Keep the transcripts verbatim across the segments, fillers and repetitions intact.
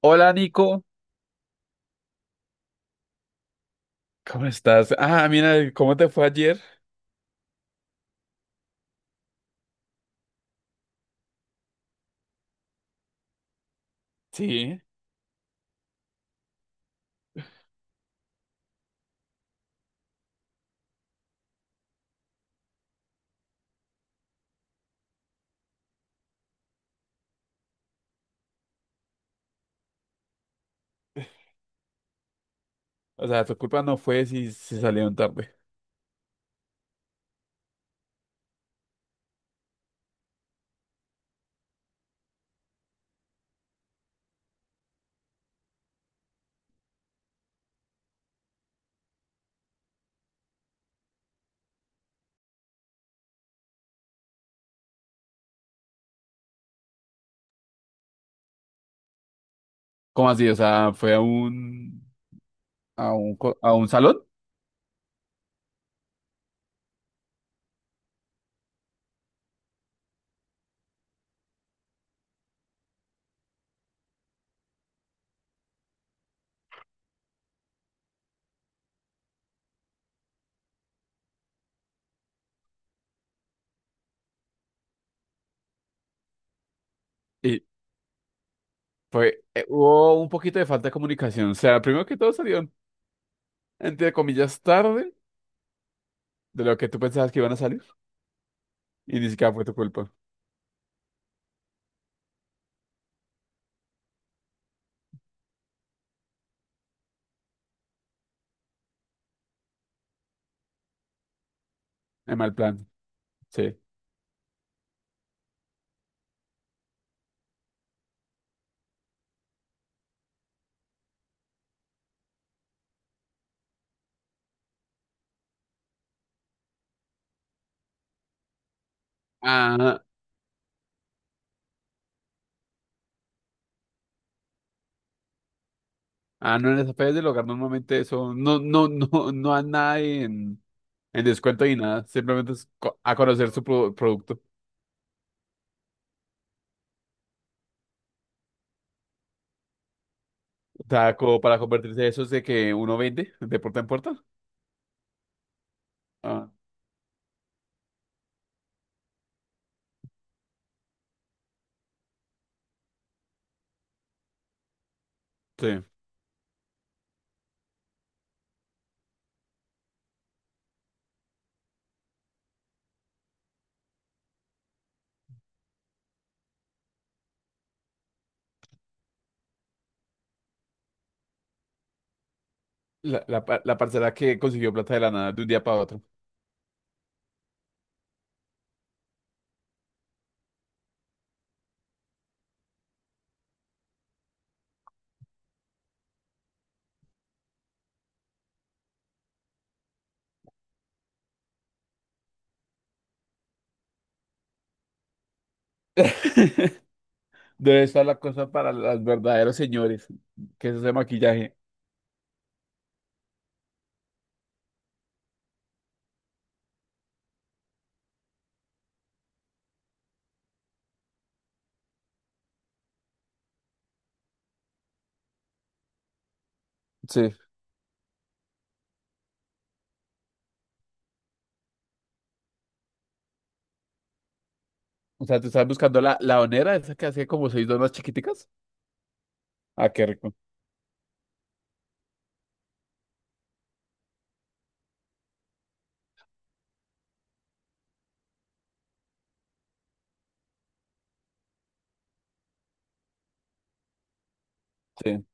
Hola Nico, ¿cómo estás? Ah, mira, ¿cómo te fue ayer? Sí, o sea, tu culpa no fue si se salieron tarde. ¿Cómo así? O sea, fue a un a un co- a un salón y fue eh, hubo un poquito de falta de comunicación. O sea, primero que todo salieron entre comillas tarde de lo que tú pensabas que iban a salir y ni siquiera fue tu culpa. En mal plan. Sí. Ah, ah, no en las afueras del hogar normalmente eso no no no no hay nada en en descuento ni nada, simplemente es co- a conocer su pro- producto. O sea, como para convertirse en esos de que uno vende de puerta en puerta. Ah, sí. La, la, par- la parcela que consiguió plata de la nada de un día para otro. Debe estar la cosa para los verdaderos señores, que es ese maquillaje. Sí. O sea, tú estás buscando la, la onera, esa que hace como seis donas chiquiticas. Ah, qué rico. Sí.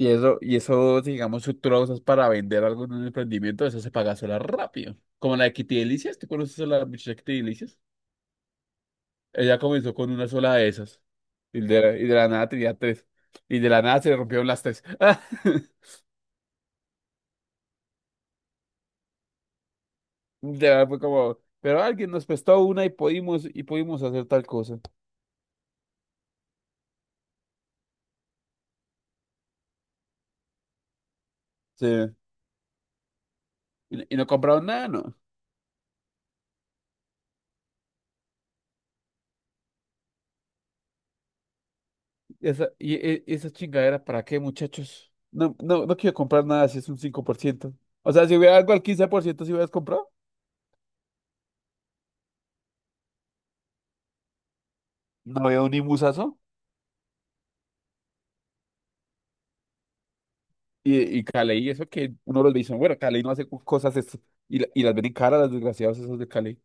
Y eso, y eso, digamos, si tú lo usas para vender algo en un emprendimiento, eso se paga sola rápido. Como la de Kitty Delicias, ¿tú conoces a la muchacha Kitty Delicias? Ella comenzó con una sola de esas. Y de, la- y de la nada tenía tres. Y de la nada se le rompieron las tres. De Fue como, pero alguien nos prestó una y pudimos, y pudimos hacer tal cosa. Sí. Y, y no compraron nada, ¿no? Y esa, y, e- esa chingadera, ¿para qué, muchachos? No, no, no quiero comprar nada si es un cinco por ciento. O sea, si hubiera algo al quince por ciento si hubieras comprado, no había un imusazo. Y, y Cali, eso que uno los dice, bueno, Cali no hace cosas, es- y, la- y las ven en cara, las desgraciadas esas de Cali.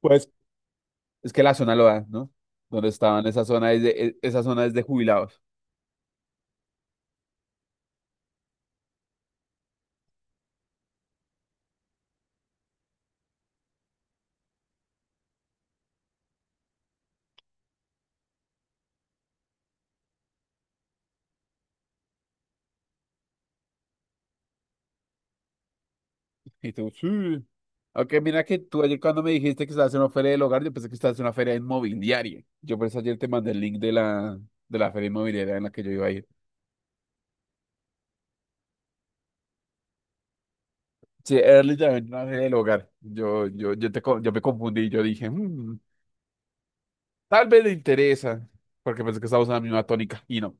Puede Es que la zona lo da, ¿no? Donde estaban, esa zona es de, e- esa zona es de jubilados. Y tú, sí. Aunque mira que tú ayer cuando me dijiste que estabas en una feria del hogar, yo pensé que estabas en una feria inmobiliaria. Yo por eso ayer te mandé el link de la, de la feria inmobiliaria en la que yo iba a ir. Sí, era literalmente una feria del hogar. Yo, yo, yo, te, co- yo me confundí, yo dije, "Mm, tal vez le interesa, porque pensé que estábamos en la misma tónica. Y no.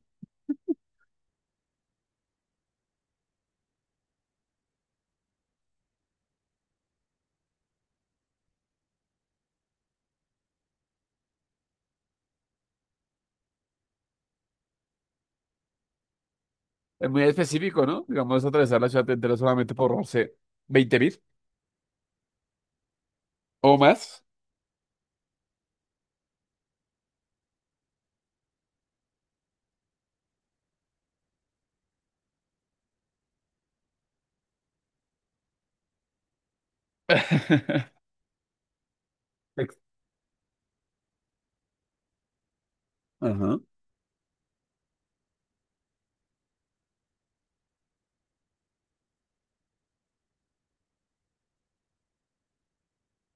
Es muy específico, ¿no? Digamos, atravesar la ciudad entera solamente por, no sé, 20 mil o más. Ex- Ajá.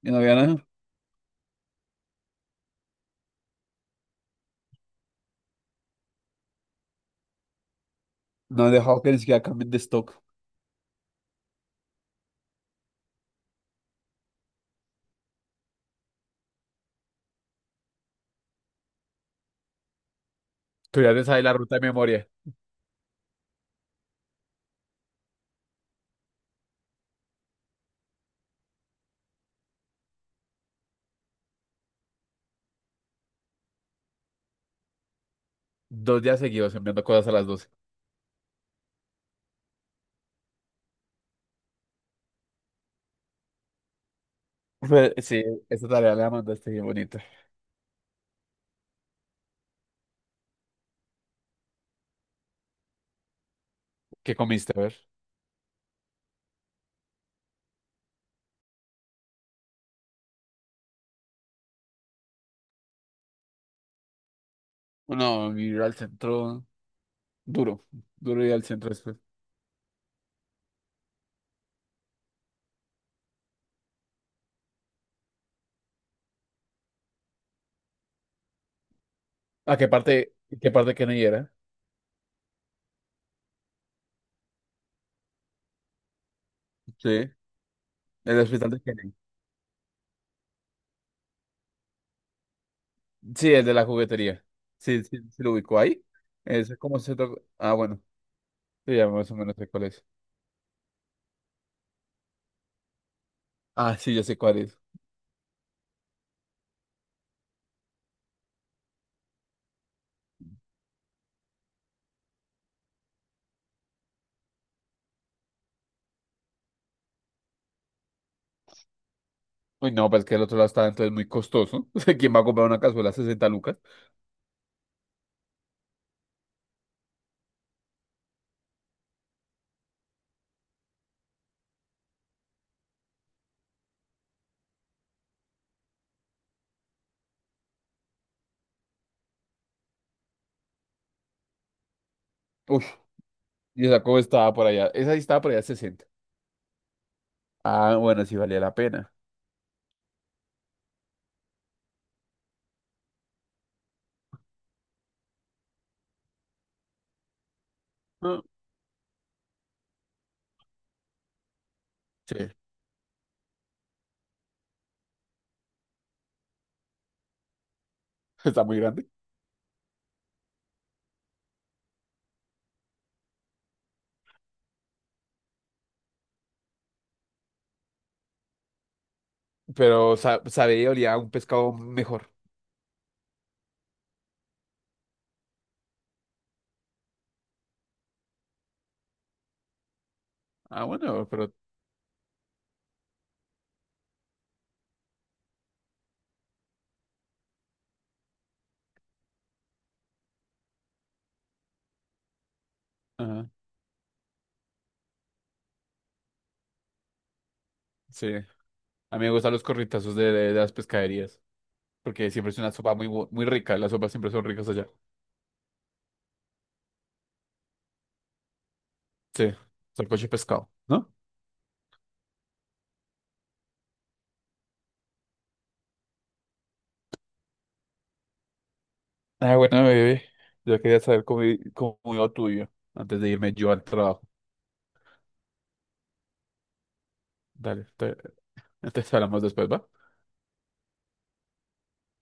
Y no había nada. No han dejado que ni siquiera cambien de stock. Tú ya te sabes la ruta de memoria. Dos días seguidos enviando cosas a las doce. Pues, sí, esa tarea la mandaste bien bonita. ¿Qué comiste? A ver. No, ir al centro duro. Duro ir al centro después. ¿A qué parte, qué parte de Kennedy era? Sí, el hospital de Kennedy. Sí, el de la juguetería. Sí, sí, sí lo ubicó ahí. Ese es como centro. Ah, bueno. Sí, ya más o menos sé cuál es. Ah, sí, ya sé cuál es. Uy, no, pero es que el otro lado está entonces muy costoso. O sea, ¿quién va a comprar una cazuela a sesenta lucas? Uy, y esa cómo estaba por allá. Esa sí estaba por allá sesenta. Ah, bueno, sí valía la pena. Ah, sí, está muy grande. Pero sa- sabía y olía a un pescado mejor. Ah, bueno, pero... Ajá, sí. A mí me gustan los corritazos de, de- de las pescaderías, porque siempre es una sopa muy, bu- muy rica. Las sopas siempre son ricas allá. Sí, salcoche de pescado, ¿no? Ah, bueno, bebé. Yo quería saber cómo, i- cómo iba tuyo antes de irme yo al trabajo. Dale, te- entonces hablamos después, ¿va?